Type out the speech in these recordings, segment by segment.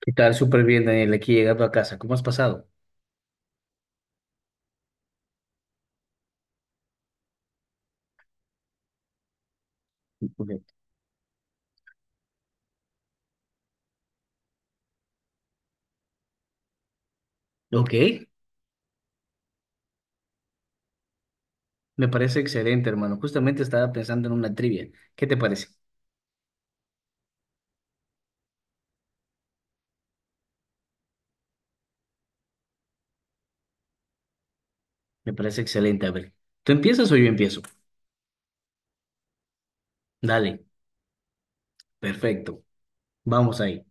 ¿Qué tal? Súper bien, Daniel, aquí llegando a casa. ¿Cómo has pasado? Ok. Ok, me parece excelente, hermano. Justamente estaba pensando en una trivia. ¿Qué te parece? Me parece excelente. A ver, ¿tú empiezas o yo empiezo? Dale, perfecto. Vamos ahí.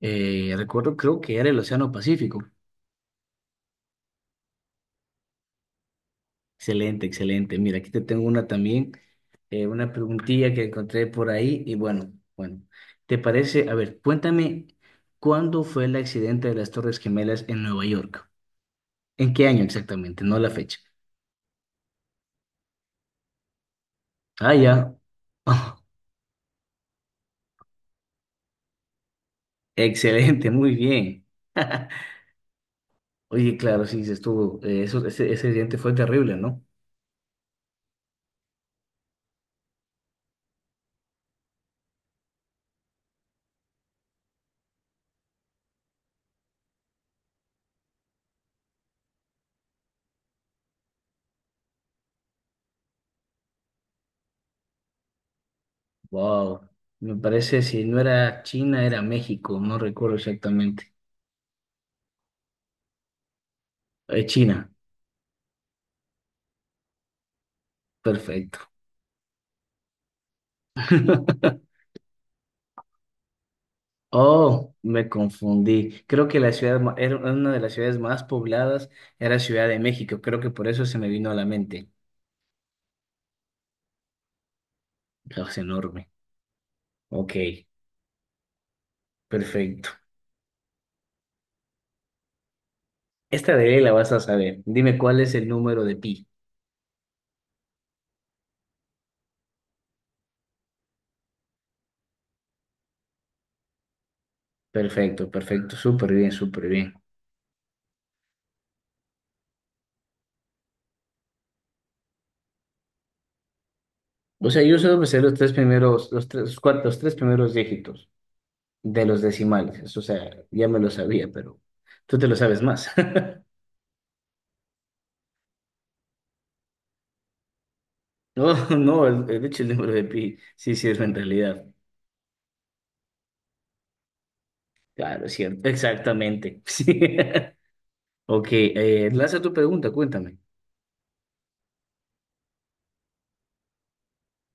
Recuerdo, creo que era el Océano Pacífico. Excelente, excelente. Mira, aquí te tengo una también, una preguntilla que encontré por ahí. Y bueno, ¿te parece? A ver, cuéntame, ¿cuándo fue el accidente de las Torres Gemelas en Nueva York? ¿En qué año exactamente? No la fecha. Ah, ya. Excelente, muy bien. Oye, claro, sí, dices estuvo. Ese accidente fue terrible, ¿no? Wow. Me parece, si no era China, era México, no recuerdo exactamente. China, perfecto. Oh, me confundí. Creo que era una de las ciudades más pobladas era Ciudad de México. Creo que por eso se me vino a la mente. Ah, es enorme. Ok, perfecto. Esta de ley la vas a saber. Dime cuál es el número de pi. Perfecto, perfecto, súper bien, súper bien. O sea, yo solo me sé los tres primeros, los tres primeros dígitos de los decimales. Eso, o sea, ya me lo sabía, pero tú te lo sabes más. No, no, de hecho el número de pi sí sirve en realidad. Claro, es cierto, exactamente. Sí. Ok, lanza tu pregunta, cuéntame.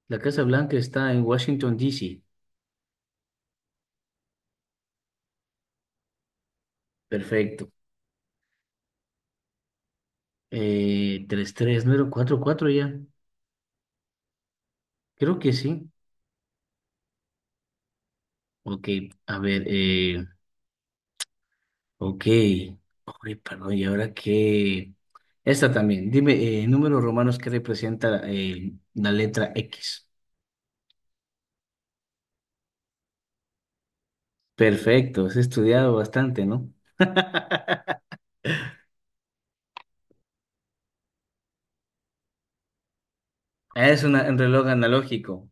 La Casa Blanca está en Washington, D. C. Perfecto. Tres 3, ¿no era un 4-4 ya? Creo que sí. Ok, a ver. Ok. Ay, perdón, ¿y ahora qué? Esta también. Dime, números romanos que representa la letra X. Perfecto, has estudiado bastante, ¿no? Un reloj analógico.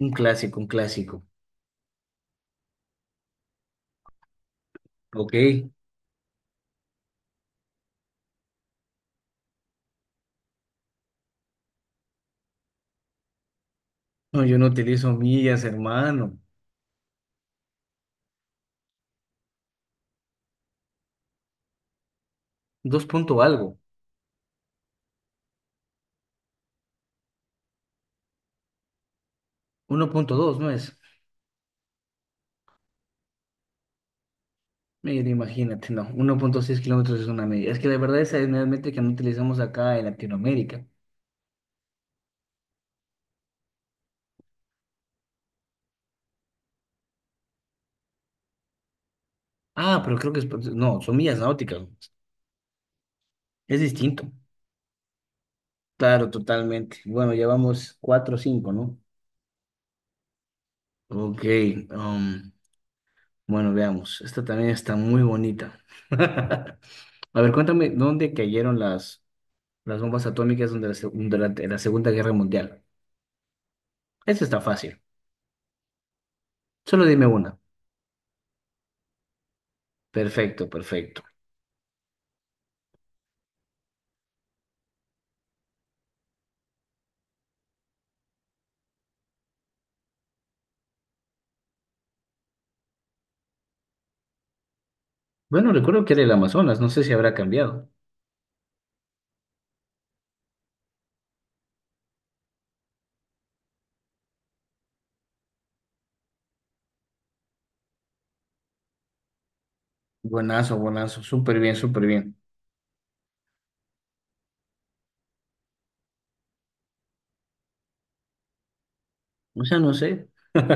Un clásico, un clásico. Ok. No, yo no utilizo millas, hermano. Dos punto algo. 1,2, ¿no es? Mira, imagínate, no. 1,6 kilómetros es una milla. Es que la verdad esa es una métrica que no utilizamos acá en Latinoamérica. Ah, pero creo que es... No, son millas náuticas. Es distinto. Claro, totalmente. Bueno, llevamos cuatro o cinco, ¿no? Ok, um, bueno, veamos. Esta también está muy bonita. A ver, cuéntame, ¿dónde cayeron las bombas atómicas durante la Segunda Guerra Mundial? Esa está fácil. Solo dime una. Perfecto, perfecto. Bueno, recuerdo que era el Amazonas, no sé si habrá cambiado. Buenazo, buenazo, súper bien, súper bien. O sea, no sé.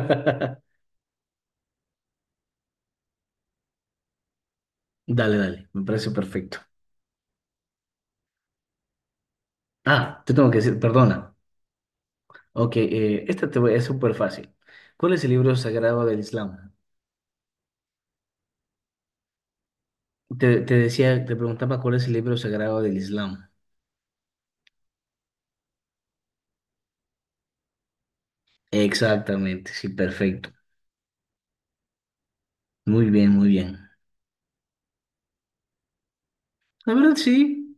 Dale, dale, me parece perfecto. Ah, te tengo que decir, perdona. Ok, es súper fácil. ¿Cuál es el libro sagrado del Islam? Te decía, te preguntaba cuál es el libro sagrado del Islam. Exactamente, sí, perfecto. Muy bien, muy bien. La verdad, sí.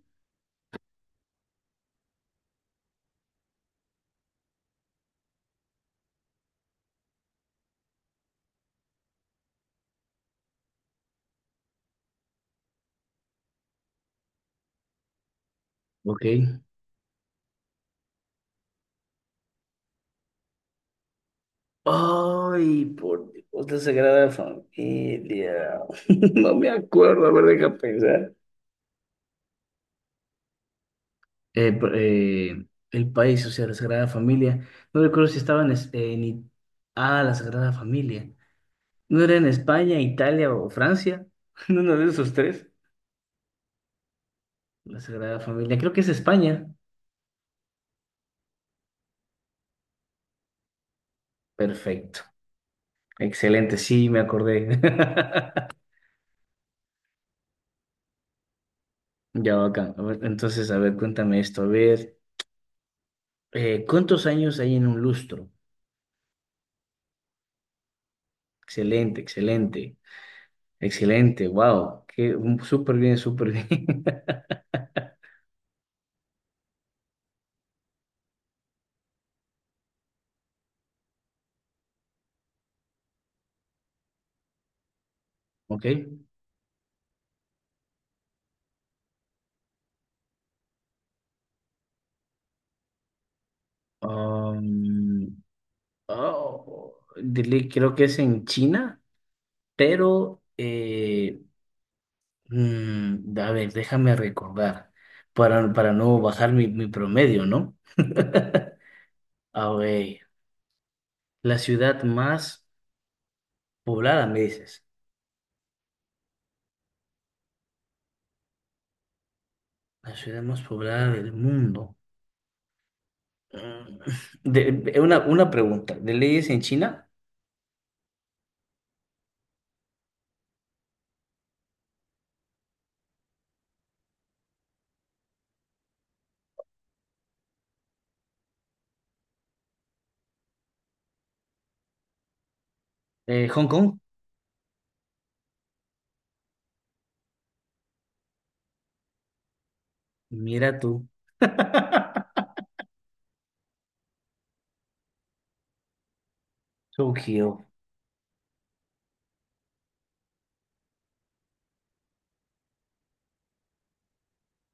Ok. Ay, por Dios, la Sagrada Familia. No me acuerdo, a ver, deja pensar. Eh, pr- eh, el país, o sea, la Sagrada Familia. No recuerdo si estaba en, es- en I- Ah, la Sagrada Familia. ¿No era en España, Italia o Francia? ¿En uno de esos tres? La Sagrada Familia, creo que es España. Perfecto. Excelente, sí, me acordé. Ya, bacán. A ver, entonces, a ver, cuéntame esto. A ver, ¿cuántos años hay en un lustro? Excelente, excelente, excelente. Wow, súper bien, súper bien. Ok. Oh, creo que es en China, pero, a ver, déjame recordar, para no bajar mi promedio, ¿no? A ver, la ciudad más poblada, me dices, la ciudad más poblada del mundo. Mm, una pregunta, ¿de leyes en China? ¿Hong Kong? Mira tú, Tokio.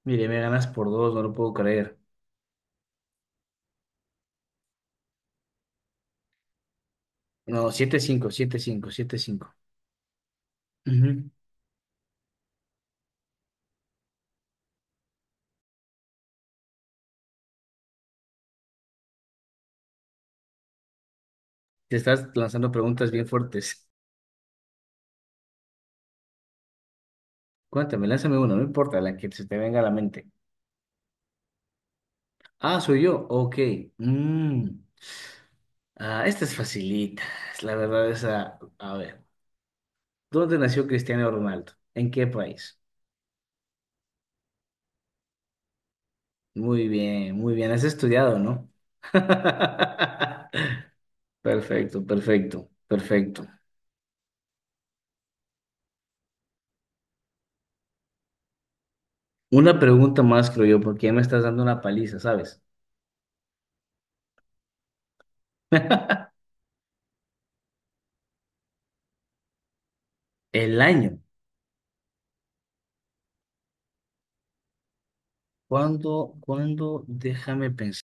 Mire, me ganas por dos, no lo puedo creer. No, siete cinco, siete cinco, siete cinco. Ujú. Te estás lanzando preguntas bien fuertes. Cuéntame, lánzame una, no importa la que se te venga a la mente. Ah, soy yo. Ok. Mm. Ah, esta es facilita. Es La verdad es, a ver. ¿Dónde nació Cristiano Ronaldo? ¿En qué país? Muy bien, muy bien. Has estudiado, ¿no? Perfecto, perfecto, perfecto. Una pregunta más, creo yo, porque ya me estás dando una paliza, ¿sabes? El año. ¿Cuándo, cuándo? Déjame pensar.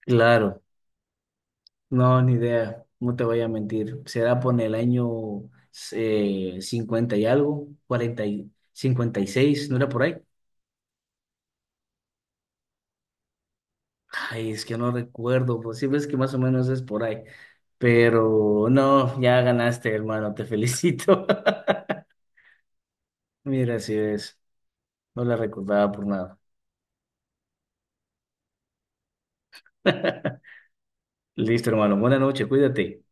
Claro. No, ni idea, no te voy a mentir. Será por el año 50 y algo, 40 y 56. ¿No era por ahí? Ay, es que no recuerdo, pues sí ves que más o menos es por ahí. Pero no, ya ganaste, hermano, te felicito. Mira, así es, no la recordaba por nada. Listo, hermano, buena noche, cuídate.